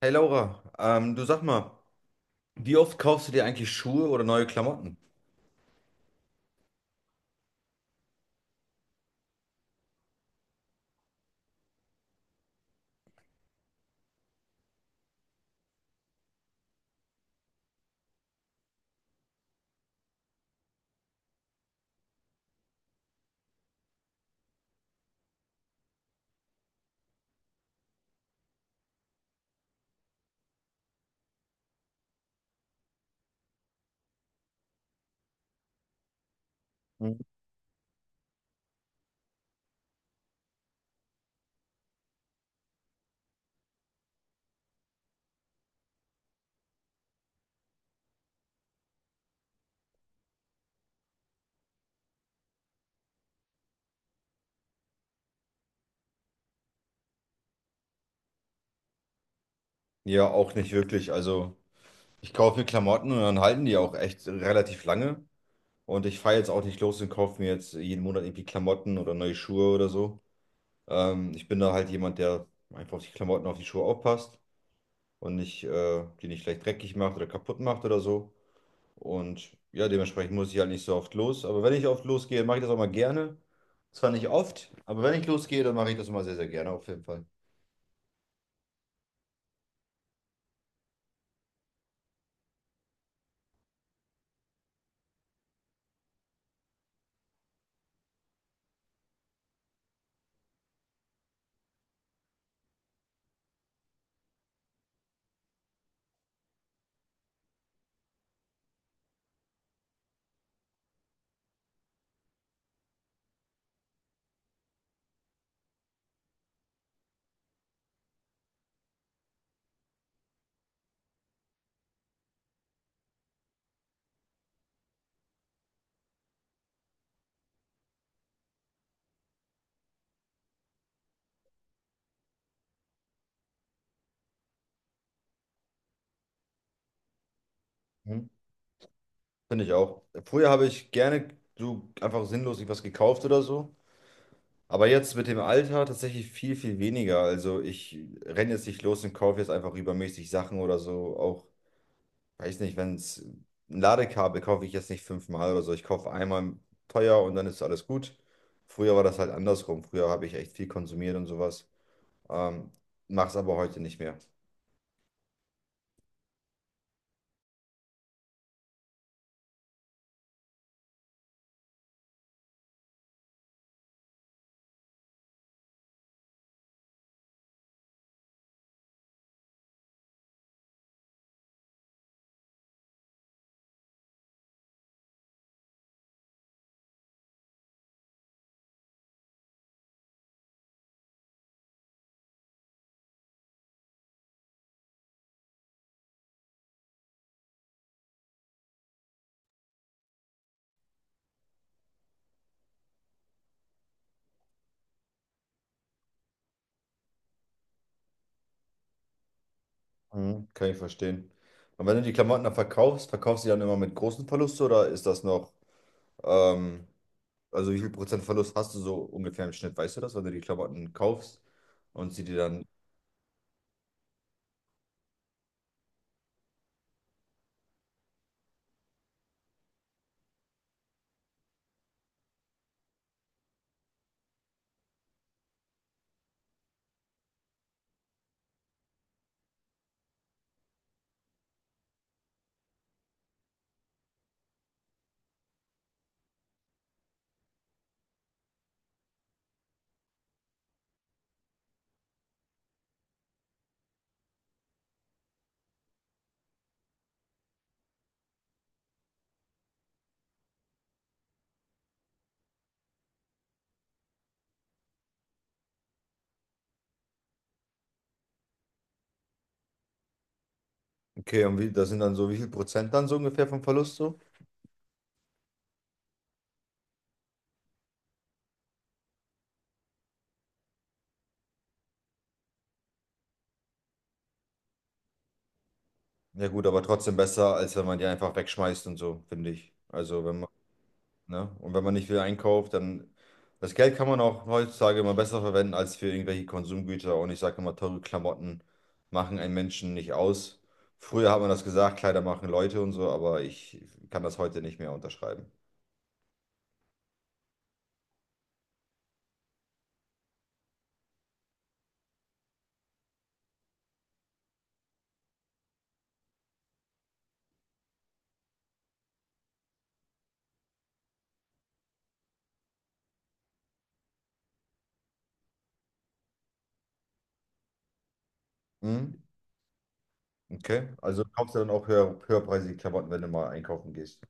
Hey Laura, du sag mal, wie oft kaufst du dir eigentlich Schuhe oder neue Klamotten? Mhm. Ja, auch nicht wirklich. Also ich kaufe mir Klamotten und dann halten die auch echt relativ lange. Und ich fahre jetzt auch nicht los und kaufe mir jetzt jeden Monat irgendwie Klamotten oder neue Schuhe oder so. Ich bin da halt jemand, der einfach auf die Klamotten, auf die Schuhe aufpasst und nicht, die nicht gleich dreckig macht oder kaputt macht oder so. Und ja, dementsprechend muss ich halt nicht so oft los. Aber wenn ich oft losgehe, mache ich das auch mal gerne. Zwar nicht oft, aber wenn ich losgehe, dann mache ich das immer sehr, sehr gerne auf jeden Fall. Hm? Finde ich auch. Früher habe ich gerne so einfach sinnlos was gekauft oder so. Aber jetzt mit dem Alter tatsächlich viel, viel weniger. Also ich renne jetzt nicht los und kaufe jetzt einfach übermäßig Sachen oder so. Auch weiß nicht, wenn es ein Ladekabel kaufe ich jetzt nicht fünfmal oder so. Ich kaufe einmal teuer und dann ist alles gut. Früher war das halt andersrum. Früher habe ich echt viel konsumiert und sowas. Ähm, Mach's aber heute nicht mehr. Mhm, kann ich verstehen. Und wenn du die Klamotten dann verkaufst, verkaufst du die dann immer mit großen Verlust oder ist das noch, ähm, also wie viel Prozent Verlust hast du so ungefähr im Schnitt? Weißt du das, wenn du die Klamotten kaufst und sie dir dann, okay, und wie, das sind dann so, wie viel Prozent dann so ungefähr vom Verlust so? Ja gut, aber trotzdem besser, als wenn man die einfach wegschmeißt und so, finde ich. Also wenn man, ne? Und wenn man nicht viel einkauft, dann das Geld kann man auch heutzutage immer besser verwenden als für irgendwelche Konsumgüter. Und ich sage immer, teure Klamotten machen einen Menschen nicht aus. Früher hat man das gesagt, Kleider machen Leute und so, aber ich kann das heute nicht mehr unterschreiben. Mhm. Okay, also kaufst du dann auch höher, höherpreisige Klamotten, wenn du mal einkaufen gehst.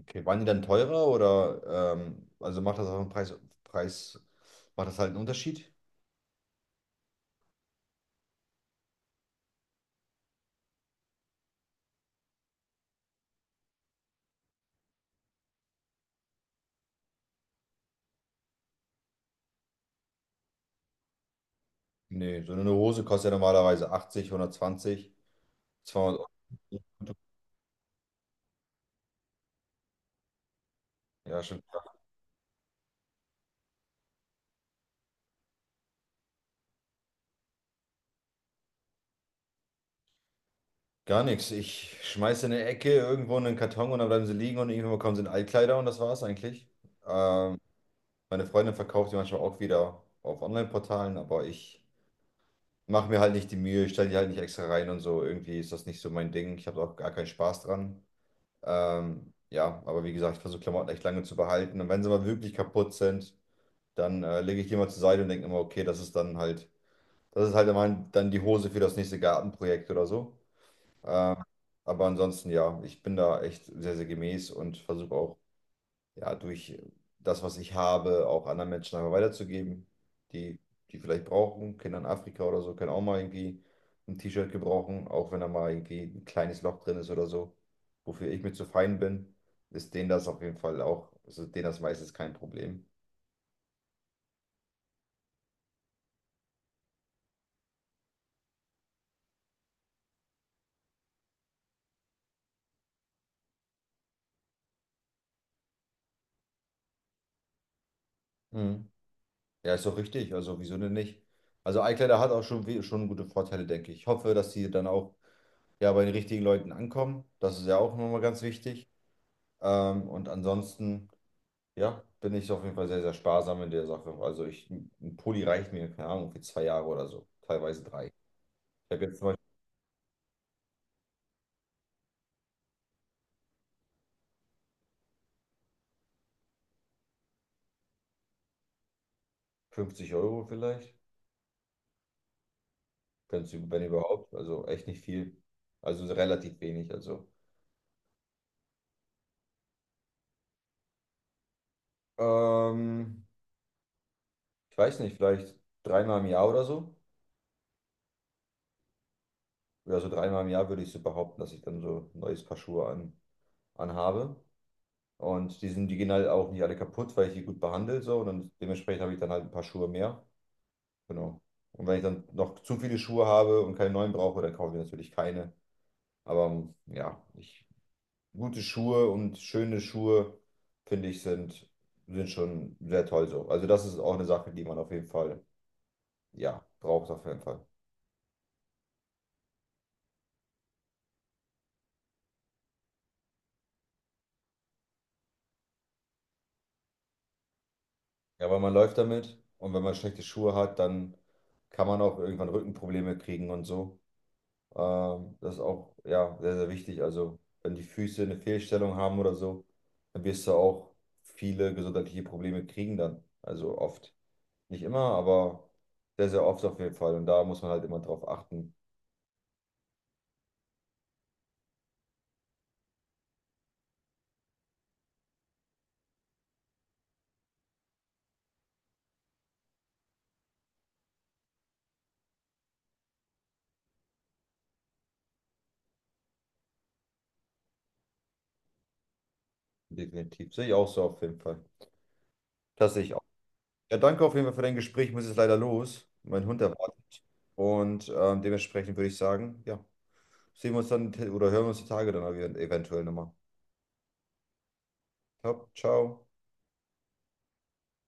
Okay, waren die dann teurer oder also macht das auch einen Preis, Preis, macht das halt einen Unterschied? Nee, so eine Hose kostet ja normalerweise 80, 120, 200. Euro. Ja, schon gar nichts. Ich schmeiße in eine Ecke irgendwo in einen Karton und dann bleiben sie liegen und irgendwann bekommen sie in Altkleider und das war's eigentlich. Ähm, Meine Freundin verkauft die manchmal auch wieder auf Online-Portalen, aber ich mache mir halt nicht die Mühe, stelle die halt nicht extra rein und so. Irgendwie ist das nicht so mein Ding. Ich habe auch gar keinen Spaß dran. Ja, aber wie gesagt, ich versuche Klamotten echt lange zu behalten und wenn sie mal wirklich kaputt sind, dann lege ich die mal zur Seite und denke immer, okay, das ist dann halt das ist halt immer dann die Hose für das nächste Gartenprojekt oder so. Ähm, aber ansonsten, ja, ich bin da echt sehr, sehr gemäß und versuche auch, ja, durch das, was ich habe, auch anderen Menschen einfach weiterzugeben, die, die vielleicht brauchen. Kinder in Afrika oder so können auch mal irgendwie ein T-Shirt gebrauchen, auch wenn da mal irgendwie ein kleines Loch drin ist oder so. Wofür ich mir zu fein bin, ist denen das auf jeden Fall auch, also denen das meistens kein Problem. Mhm. Ja, ist doch richtig. Also, wieso denn nicht? Also, iCloud hat auch schon, schon gute Vorteile, denke ich. Ich hoffe, dass die dann auch ja, bei den richtigen Leuten ankommen. Das ist ja auch nochmal ganz wichtig. Und ansonsten, ja, bin ich auf jeden Fall sehr, sehr sparsam in der Sache. Also, ich, ein Pulli reicht mir, keine Ahnung, für 2 Jahre oder so. Teilweise drei. Ich habe jetzt zum Beispiel 50 Euro vielleicht, wenn's, wenn überhaupt. Also, echt nicht viel. Also, relativ wenig. Also, ähm, ich weiß nicht, vielleicht dreimal im Jahr oder so. Ja, so dreimal im Jahr würde ich so behaupten, dass ich dann so ein neues Paar Schuhe anhabe. Und die sind, die gehen halt auch nicht alle kaputt, weil ich die gut behandle, so. Und dann dementsprechend habe ich dann halt ein paar Schuhe mehr. Genau. Und wenn ich dann noch zu viele Schuhe habe und keine neuen brauche, dann kaufe ich natürlich keine. Aber ja, ich, gute Schuhe und schöne Schuhe, finde ich, sind, sind schon sehr toll so. Also das ist auch eine Sache, die man auf jeden Fall, ja, braucht auf jeden Fall. Ja, weil man läuft damit und wenn man schlechte Schuhe hat, dann kann man auch irgendwann Rückenprobleme kriegen und so. Das ist auch, ja, sehr, sehr wichtig. Also, wenn die Füße eine Fehlstellung haben oder so, dann wirst du auch viele gesundheitliche Probleme kriegen dann. Also oft. Nicht immer, aber sehr, sehr oft auf jeden Fall. Und da muss man halt immer drauf achten. Definitiv. Sehe ich auch so auf jeden Fall. Das sehe ich auch. Ja, danke auf jeden Fall für dein Gespräch. Ich muss jetzt leider los. Mein Hund erwartet. Und dementsprechend würde ich sagen, ja. Sehen wir uns dann oder hören wir uns die Tage dann eventuell nochmal. Ja, ciao.